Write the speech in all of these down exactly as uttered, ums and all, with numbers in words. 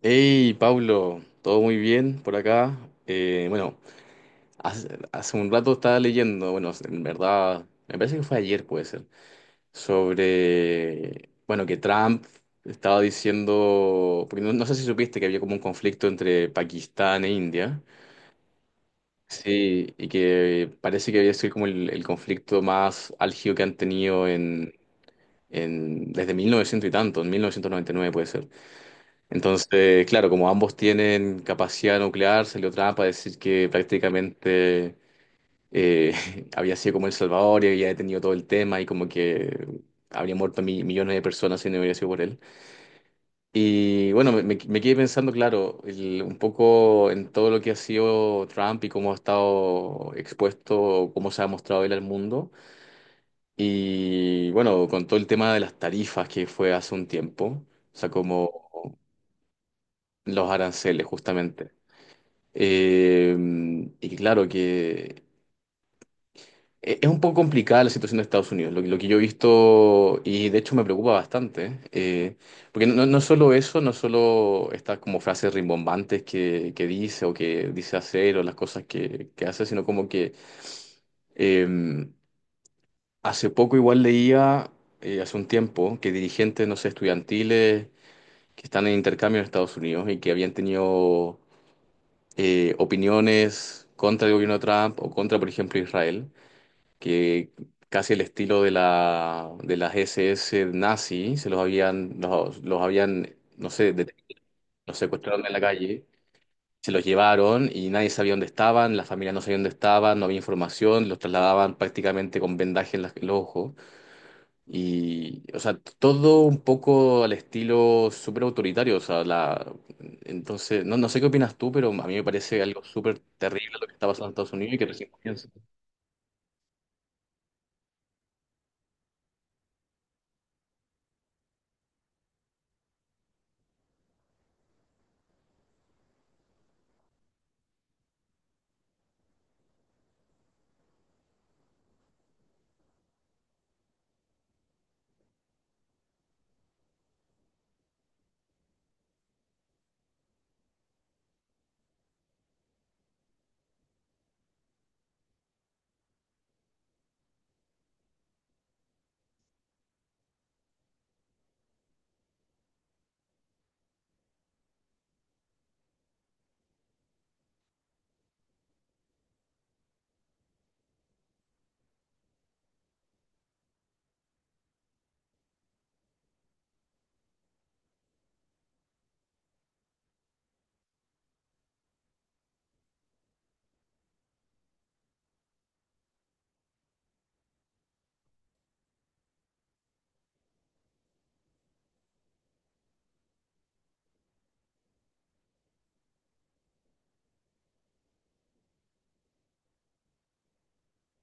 Hey, Pablo, todo muy bien por acá. Eh, bueno, hace, hace un rato estaba leyendo, bueno, en verdad, me parece que fue ayer, puede ser, sobre, bueno, que Trump estaba diciendo, porque no, no sé si supiste que había como un conflicto entre Pakistán e India, sí, y que parece que había sido como el, el conflicto más álgido que han tenido en, en, desde mil novecientos y tanto, en mil novecientos noventa y nueve puede ser. Entonces, claro, como ambos tienen capacidad nuclear, salió Trump a decir que prácticamente eh, había sido como El Salvador y había detenido todo el tema y como que habría muerto mi- millones de personas si no hubiera sido por él. Y bueno, me, me- me quedé pensando, claro, el- un poco en todo lo que ha sido Trump y cómo ha estado expuesto, cómo se ha mostrado él al mundo. Y bueno, con todo el tema de las tarifas que fue hace un tiempo, o sea, como los aranceles justamente. Eh, y claro que e- es un poco complicada la situación de Estados Unidos, lo, que lo que yo he visto y de hecho me preocupa bastante, eh, porque no, no solo eso, no solo estas como frases rimbombantes que, que dice o que dice hacer o las cosas que, que hace, sino como que eh, hace poco igual leía, eh, hace un tiempo, que dirigentes, no sé, estudiantiles que están en intercambio en Estados Unidos y que habían tenido eh, opiniones contra el gobierno de Trump o contra, por ejemplo, Israel, que casi el estilo de la, de las S S nazi, se los habían, los, los habían, no sé, deten- los secuestraron en la calle, se los llevaron y nadie sabía dónde estaban, las familias no sabían dónde estaban, no había información, los trasladaban prácticamente con vendaje en, las- en los ojos. Y, o sea, todo un poco al estilo súper autoritario. O sea, la... Entonces, no, no sé qué opinas tú, pero a mí me parece algo súper terrible lo que está pasando en Estados Unidos y que recién comienza.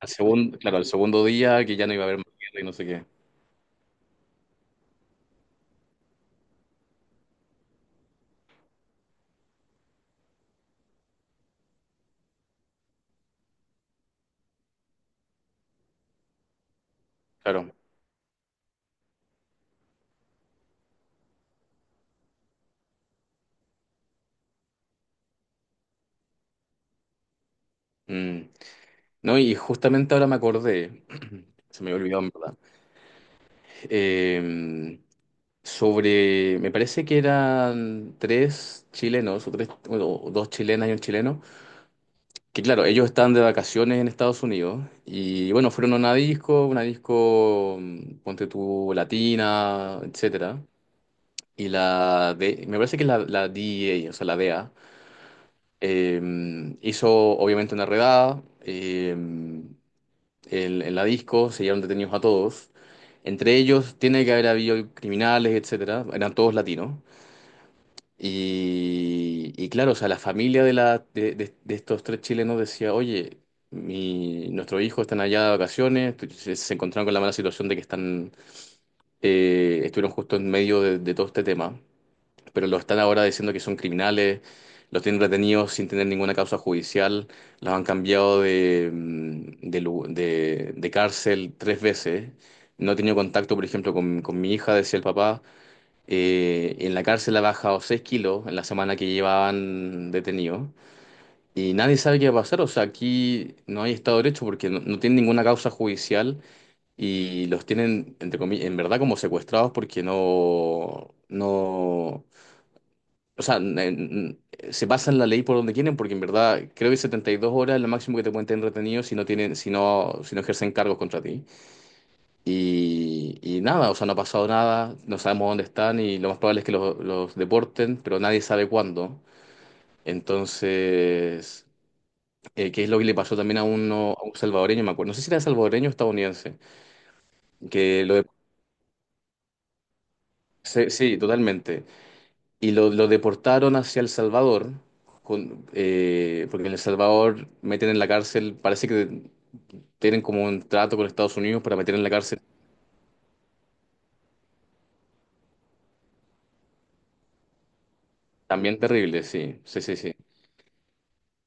Al segundo, claro, al segundo día que ya no iba a haber más guerra y no sé qué. Claro. Mm. No, y justamente ahora me acordé, se me había olvidado en verdad, eh, sobre, me parece que eran tres chilenos, o tres, bueno, o dos chilenas y un chileno. Que claro, ellos están de vacaciones en Estados Unidos y bueno, fueron a una disco, una disco, mm, ponte tú, latina, etcétera. Y la de, me parece que es la, la D E A, o sea, la D E A, eh, hizo obviamente una redada eh, en, en la disco, se llevaron detenidos a todos. Entre ellos tiene que haber habido criminales, etcétera. Eran todos latinos. Y, y claro, o sea, la familia de, la, de, de- de estos tres chilenos decía, oye, mi, nuestros hijos están allá de vacaciones, tu- se, se encontraron con la mala situación de que están, eh, estuvieron justo en medio de, de todo este tema, pero lo están ahora diciendo que son criminales, los tienen retenidos sin tener ninguna causa judicial, los han cambiado de, mm, de, lu- de- de cárcel tres veces, no he tenido contacto, por ejemplo, con, con mi hija, decía el papá. Eh, en la cárcel ha bajado seis kilos en la semana que llevaban detenido. Y nadie sabe qué va a pasar. O sea, aquí no hay Estado de Derecho porque no, no tienen ninguna causa judicial y los tienen, entre comillas, en verdad como secuestrados porque no, no, o sea, n- n- se pasan la ley por donde quieren porque en verdad creo que setenta y dos horas es lo máximo que te pueden tener retenido si no tienen, si no, si no ejercen cargos contra ti. Y, y nada, o sea, no ha pasado nada, no sabemos dónde están y lo más probable es que los, los deporten, pero nadie sabe cuándo. Entonces, eh, ¿qué es lo que le pasó también a uno, a un salvadoreño? Me acuerdo, no sé si era salvadoreño o estadounidense, que lo de- sí, sí, totalmente. Y lo, lo deportaron hacia El Salvador, con- eh, porque en El Salvador meten en la cárcel, parece que tienen como un trato con Estados Unidos para meter en la cárcel, también terrible, sí, sí, sí, sí.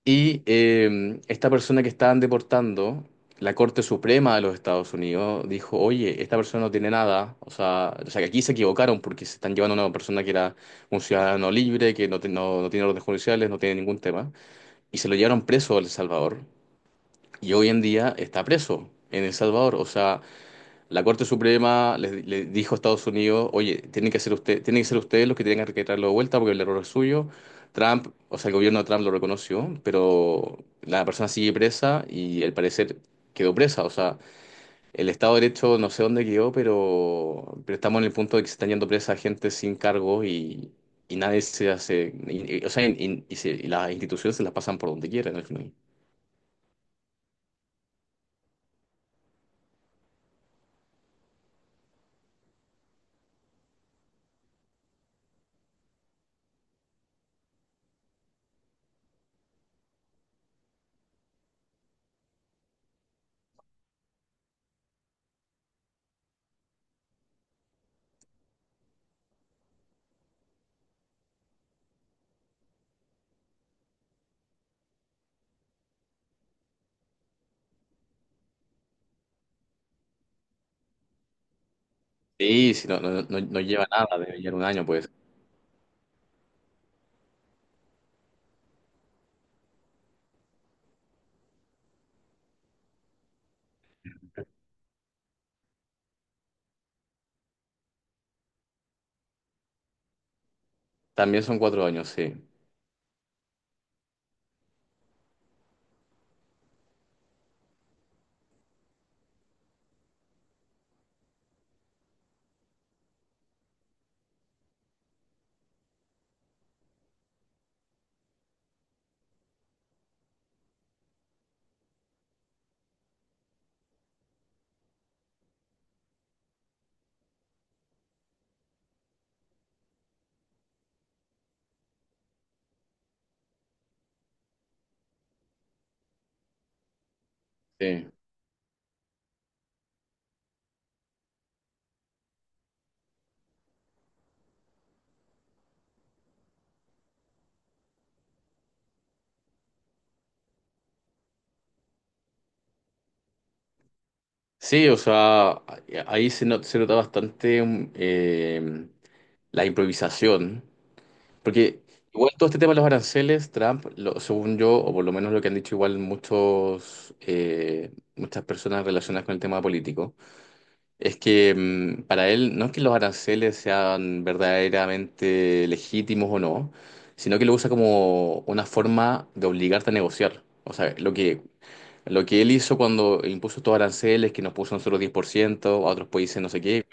Y eh, esta persona que estaban deportando, la Corte Suprema de los Estados Unidos dijo, oye, esta persona no tiene nada, o sea, o sea que aquí se equivocaron porque se están llevando a una persona que era un ciudadano libre, que no, te- no, no tiene órdenes judiciales, no tiene ningún tema, y se lo llevaron preso a El Salvador, y hoy en día está preso en El Salvador, o sea... La Corte Suprema le, le dijo a Estados Unidos, oye, tienen que ser usted, tienen que ser ustedes los que tienen que traerlo de vuelta porque el error es suyo. Trump, o sea, el gobierno de Trump lo reconoció, pero la persona sigue presa y al parecer quedó presa. O sea, el Estado de Derecho no sé dónde quedó, pero, pero estamos en el punto de que se están yendo presa gente sin cargo y, y nadie se hace, y- y- o sea, y, y se- y las instituciones se las pasan por donde quieran al final. Sí, sí, no, no, no- no lleva nada, debe llevar un año, pues. También son cuatro años, sí. Sí. Sí, o sea, ahí se, not- se nota bastante mm, eh, la improvisación, porque igual todo este tema de los aranceles, Trump, lo- según yo, o por lo menos lo que han dicho igual muchos, eh, muchas personas relacionadas con el tema político, es que mm, para él no es que los aranceles sean verdaderamente legítimos o no, sino que lo usa como una forma de obligarte a negociar. O sea, lo que lo que él hizo cuando impuso estos aranceles, que nos puso a nosotros diez por ciento, a otros países no sé qué,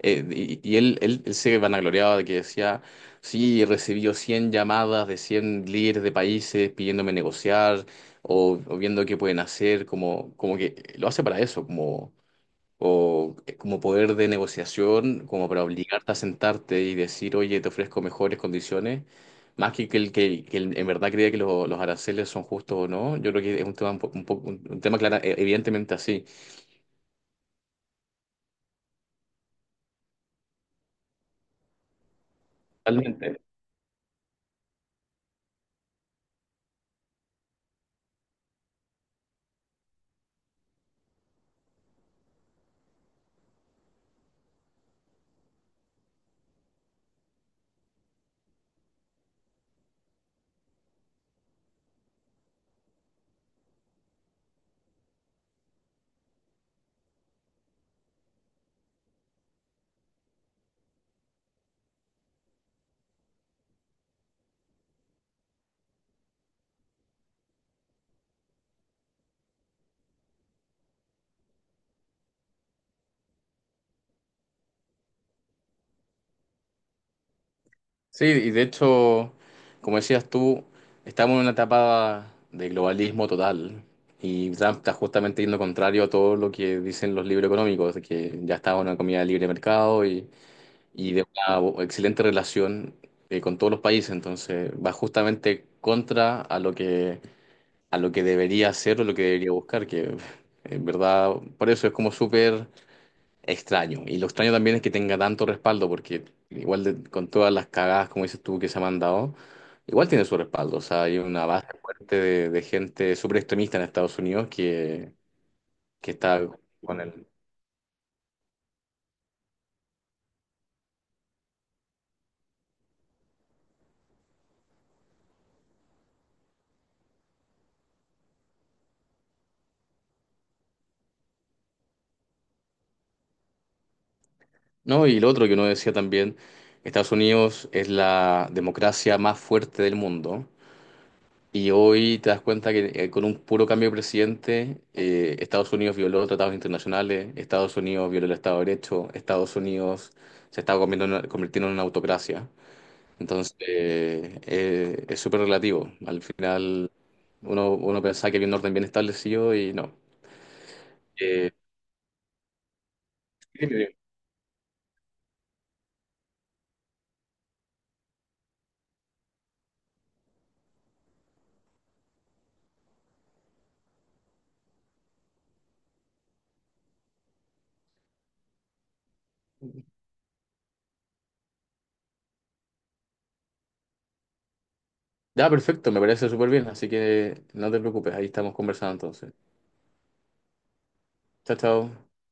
eh, y, y él, él, él se vanagloriaba de que decía, sí, recibió cien llamadas de cien líderes de países pidiéndome negociar o, o viendo qué pueden hacer, como, como que lo hace para eso, como, o eh, como poder de negociación, como para obligarte a sentarte y decir, oye, te ofrezco mejores condiciones, más que que, el- que, el- que el- en verdad crea que lo- los aranceles son justos o no, yo creo que es un tema un, po- un, po- un- un tema clara, e- evidentemente así. Totalmente. Sí, y de hecho, como decías tú, estamos en una etapa de globalismo total. Y Trump está justamente yendo contrario a todo lo que dicen los libros económicos, de que ya está una comida de libre de mercado y, y de una bo- excelente relación eh, con todos los países, entonces va justamente contra a lo que, a lo que debería hacer o lo que debería buscar, que en verdad por eso es como súper extraño. Y lo extraño también es que tenga tanto respaldo, porque igual de- con todas las cagadas, como dices tú, que se ha mandado, igual tiene su respaldo, o sea, hay una base fuerte de, de gente súper extremista en Estados Unidos que, que está... con. No, y lo otro que uno decía también, Estados Unidos es la democracia más fuerte del mundo y hoy te das cuenta que eh, con un puro cambio de presidente, eh, Estados Unidos violó tratados internacionales, Estados Unidos violó el Estado de Derecho, Estados Unidos se está convirtiendo en una, convirtiendo en una autocracia. Entonces, eh, eh, es súper relativo. Al final, uno, uno pensaba que había un orden bien establecido y no. Eh, ya, perfecto, me parece súper bien, así que no te preocupes, ahí estamos conversando entonces. Chao, chao.